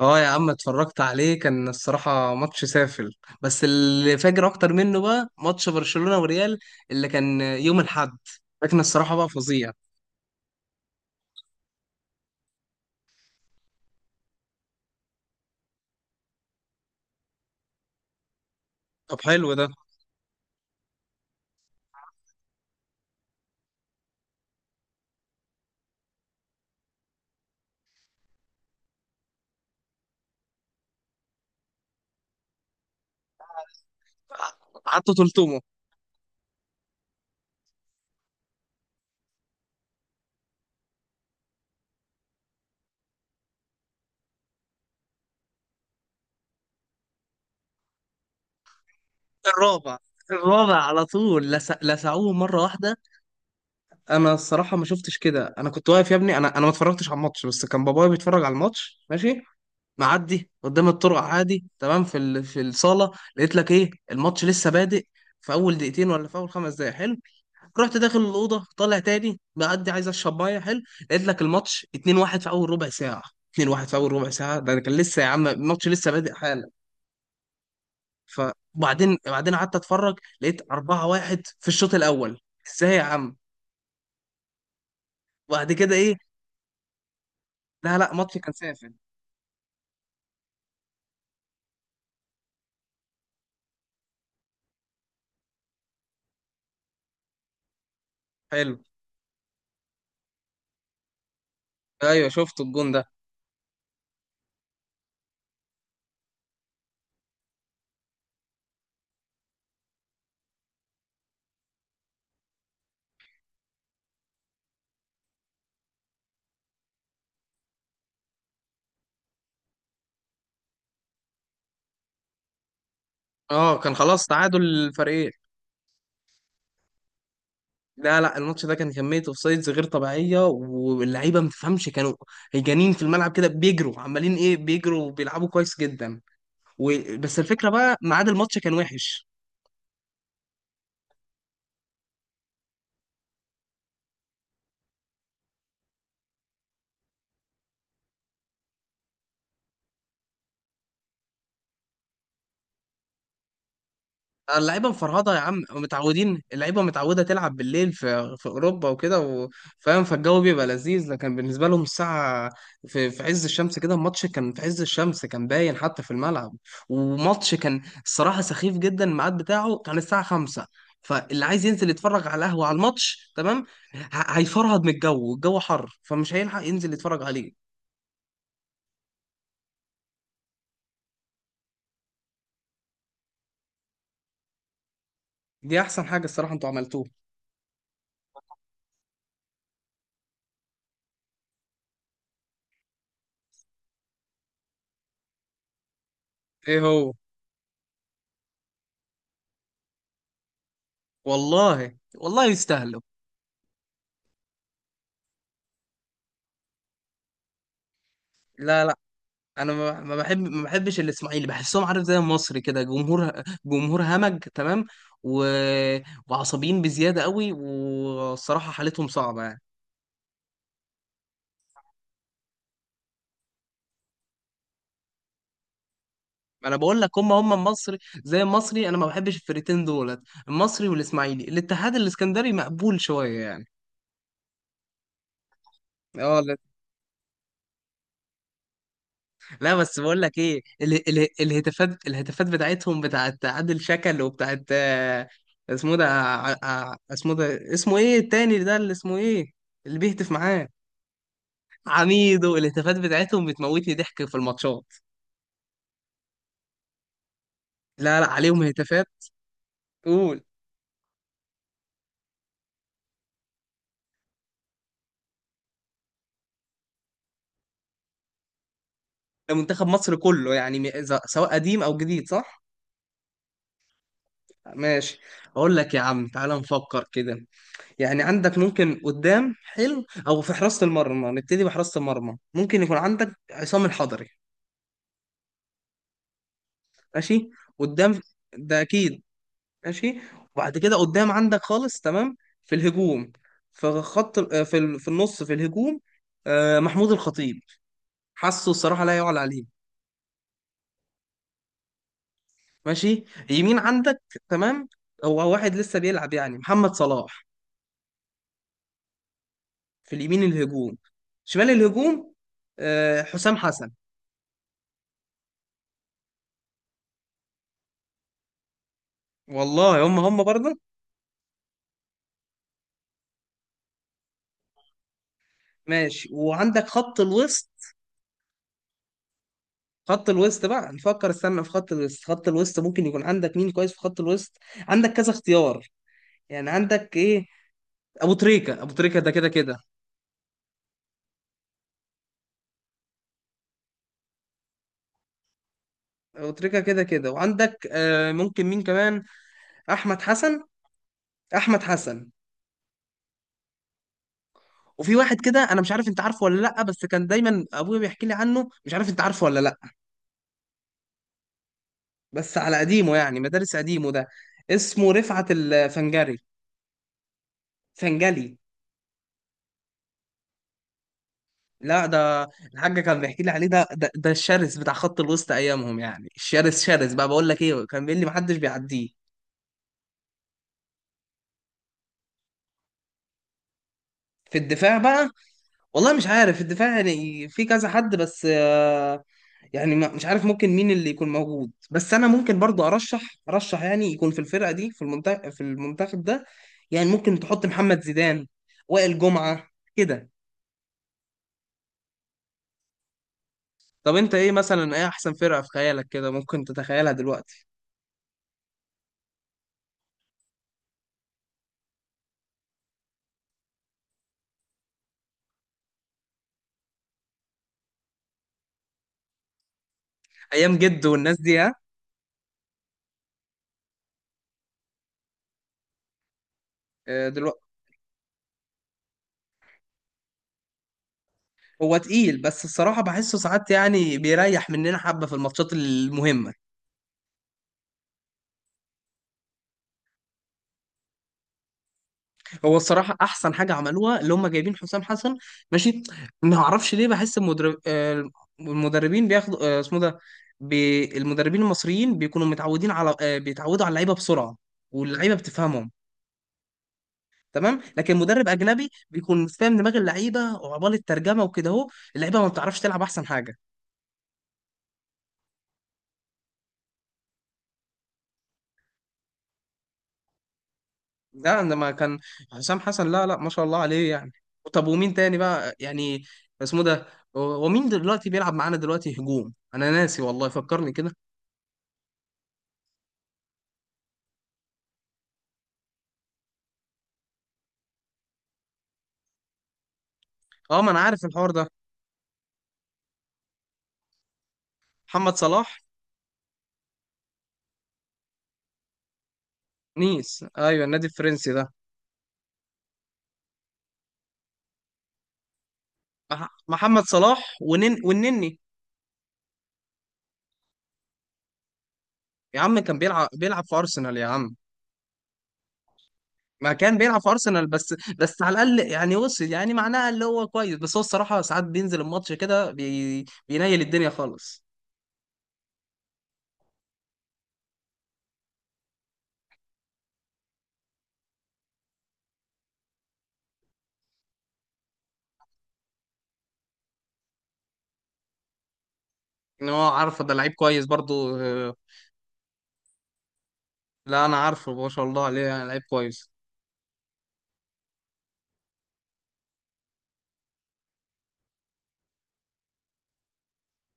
اه يا عم، اتفرجت عليه كان الصراحة ماتش سافل. بس اللي فاجر اكتر منه بقى ماتش برشلونة وريال اللي كان يوم الاحد. لكن الصراحة بقى فظيع. طب حلو ده. حطوا تلتمه. الرابع. الرابع على طول لسعوه مرة واحدة. انا الصراحة ما شفتش كده، انا كنت واقف يا ابني، انا ما اتفرجتش على الماتش، بس كان بابايا بيتفرج على الماتش، ماشي، معدي قدام الطرق عادي تمام في الصالة. لقيت لك ايه الماتش لسه بادئ، في اول دقيقتين ولا في اول 5 دقايق، حلو. رحت داخل الاوضه طالع تاني معدي عايز اشرب ميه، حلو. لقيت لك الماتش 2-1 في اول ربع ساعه. 2-1 في اول ربع ساعه، ده أنا كان لسه يا عم الماتش لسه بادئ حالا. فبعدين قعدت اتفرج لقيت 4-1 في الشوط الاول. ازاي يا عم؟ وبعد كده ايه؟ لا لا، ماتش كان سافل. حلو. ايوه شفت الجون ده. اه كان خلاص تعادل الفريقين. لا لا، الماتش ده كان كمية اوفسايدز غير طبيعية، واللعيبة ما تفهمش، كانوا هيجانين في الملعب كده بيجروا عمالين ايه، بيجروا وبيلعبوا كويس جدا و... بس الفكره بقى ميعاد الماتش كان وحش. اللعيبه مفرهده يا عم، متعودين اللعيبه متعوده تلعب بالليل في اوروبا وكده فاهم، فالجو بيبقى لذيذ، لكن بالنسبه لهم الساعه في عز الشمس كده، الماتش كان في عز الشمس، كان باين حتى في الملعب. وماتش كان الصراحه سخيف جدا، الميعاد بتاعه كان الساعه 5. فاللي عايز ينزل يتفرج على القهوه على الماتش تمام، ه- هيفرهد من الجو والجو حر، فمش هيلحق ينزل يتفرج عليه. دي احسن حاجه الصراحه انتوا عملتوها. ايه هو؟ والله والله يستاهلوا. لا لا، انا ما بحبش الاسماعيلي، بحسهم عارف زي المصري كده، جمهور جمهور همج تمام و... وعصبيين بزياده قوي، والصراحه حالتهم صعبه يعني. انا بقول لك هم هم المصري، زي المصري انا ما بحبش الفرقتين دولت، المصري والاسماعيلي. الاتحاد الاسكندري مقبول شويه يعني. اه. لا بس بقول لك ايه، ال الهتافات، الهتافات بتاعتهم بتاعت عادل شكل وبتاعت آه، اسمه ده اسمه ده اسمه ايه التاني ده اللي اسمه ايه اللي بيهتف معاه. عميدو. الهتافات بتاعتهم بتموتني ضحك في الماتشات. لا لا عليهم هتافات. قول. ده منتخب مصر كله يعني سواء قديم او جديد، صح. ماشي. اقول لك يا عم تعال نفكر كده، يعني عندك ممكن قدام حلو، او في حراسة المرمى. نبتدي بحراسة المرمى، ممكن يكون عندك عصام الحضري، ماشي. قدام، ده اكيد. ماشي. وبعد كده قدام عندك خالص تمام في الهجوم، في خط في النص في الهجوم آه، محمود الخطيب. حاسه الصراحه لا يعلى عليه. ماشي. يمين عندك تمام، هو واحد لسه بيلعب يعني، محمد صلاح، في اليمين الهجوم. شمال الهجوم آه، حسام حسن. والله هم هم برضه. ماشي. وعندك خط الوسط. خط الوسط بقى نفكر، استنى في خط الوسط، خط الوسط ممكن يكون عندك مين كويس في خط الوسط؟ عندك كذا اختيار، يعني عندك ايه. ابو تريكة، ابو تريكة ده كده كده. ابو تريكة كده كده، وعندك آه ممكن مين كمان. احمد حسن. احمد حسن. وفي واحد كده انا مش عارف انت عارفه ولا لا، بس كان دايما ابويا بيحكي لي عنه، مش عارف انت عارفه ولا لا. بس على قديمه يعني، مدارس قديمه ده. اسمه رفعت الفنجري. فنجلي. لا ده الحاج كان بيحكي لي عليه، ده ده الشرس بتاع خط الوسط ايامهم يعني، الشرس، شرس بقى، بقول لك ايه كان بيقول لي محدش بيعديه. في الدفاع بقى والله مش عارف، في الدفاع يعني في كذا حد، بس آه، يعني مش عارف ممكن مين اللي يكون موجود. بس انا ممكن برضو ارشح، ارشح يعني يكون في الفرقه دي، في المنتخب، في المنتخب ده يعني ممكن تحط محمد زيدان، وائل جمعه، كده. طب انت ايه مثلا، ايه احسن فرقه في خيالك كده ممكن تتخيلها دلوقتي؟ ايام جد والناس دي. ها. هو تقيل بس الصراحة بحسه ساعات يعني بيريح مننا حبة في الماتشات المهمة. هو الصراحة أحسن حاجة عملوها اللي هم جايبين حسام حسن. ماشي. ما أعرفش ليه، بحس المدرب آه، المدربين بياخدوا آه، اسمه ده، المدربين المصريين بيكونوا متعودين على آه، بيتعودوا على اللعيبة بسرعة، واللعيبة بتفهمهم تمام. لكن مدرب أجنبي بيكون مش فاهم دماغ اللعيبة، وعبال الترجمة وكده أهو اللعيبة ما بتعرفش تلعب أحسن حاجة. لا عندما كان حسام حسن، لا لا ما شاء الله عليه يعني. طب ومين تاني بقى يعني، اسمه ده، ومين دلوقتي بيلعب معانا دلوقتي هجوم، انا ناسي والله فكرني كده. اه ما انا عارف الحوار ده. محمد صلاح. نيس، ايوه النادي الفرنسي ده. محمد صلاح ونن، والنني. يا عم كان بيلعب في ارسنال يا عم. ما كان بيلعب في ارسنال، بس على الاقل يعني وصل، يعني معناها اللي هو كويس، بس هو الصراحه ساعات بينزل الماتش كده بينيل الدنيا خالص. ان هو عارف ده لعيب كويس برضو. لا انا عارفه ما شاء الله عليه يعني، لعيب كويس.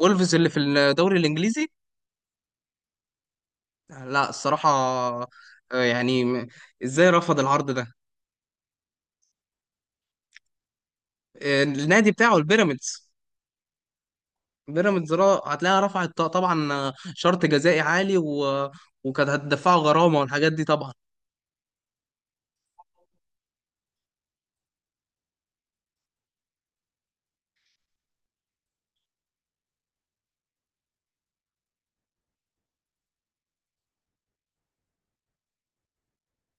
وولفز اللي في الدوري الانجليزي. لا الصراحه آه، يعني ازاي رفض العرض ده؟ آه، النادي بتاعه البيراميدز. بيراميدز هتلاقيها رفعت طبعا آه، شرط جزائي عالي وكانت هتدفعه غرامه والحاجات دي طبعا.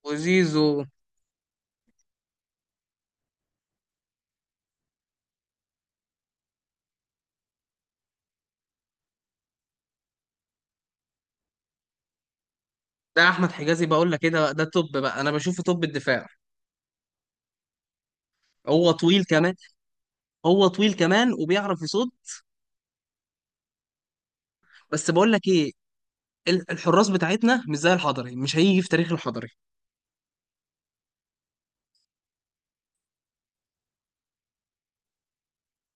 وزيزو. ده احمد حجازي بقول لك كده ده توب بقى، انا بشوفه توب الدفاع. هو طويل كمان. هو طويل كمان وبيعرف يصد. بس بقول لك ايه، الحراس بتاعتنا مش زي الحضري، مش هيجي في تاريخ الحضري.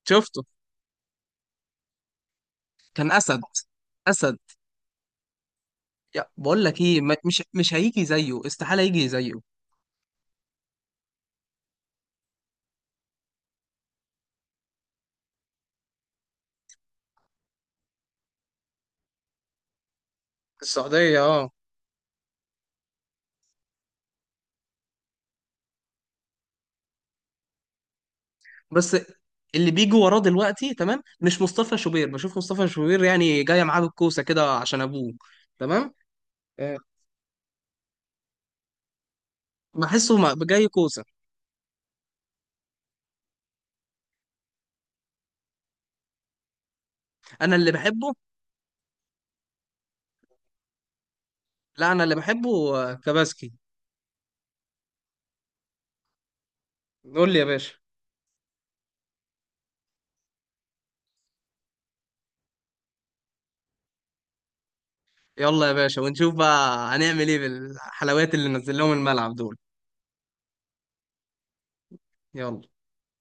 شفته. كان اسد. اسد. يا بقول لك ايه مش هيجي زيه، استحاله يجي زيه. السعودية اه. بس اللي بيجي وراه دلوقتي تمام مش مصطفى شوبير، بشوف مصطفى شوبير يعني جايه معاه بالكوسه كده عشان ابوه، تمام. آه، بحسه جاي كوسه. انا اللي بحبه. لا انا اللي بحبه آه، كباسكي. قول لي يا باشا. يلا يا باشا ونشوف بقى هنعمل ايه بالحلويات اللي نزل لهم الملعب دول. يلا.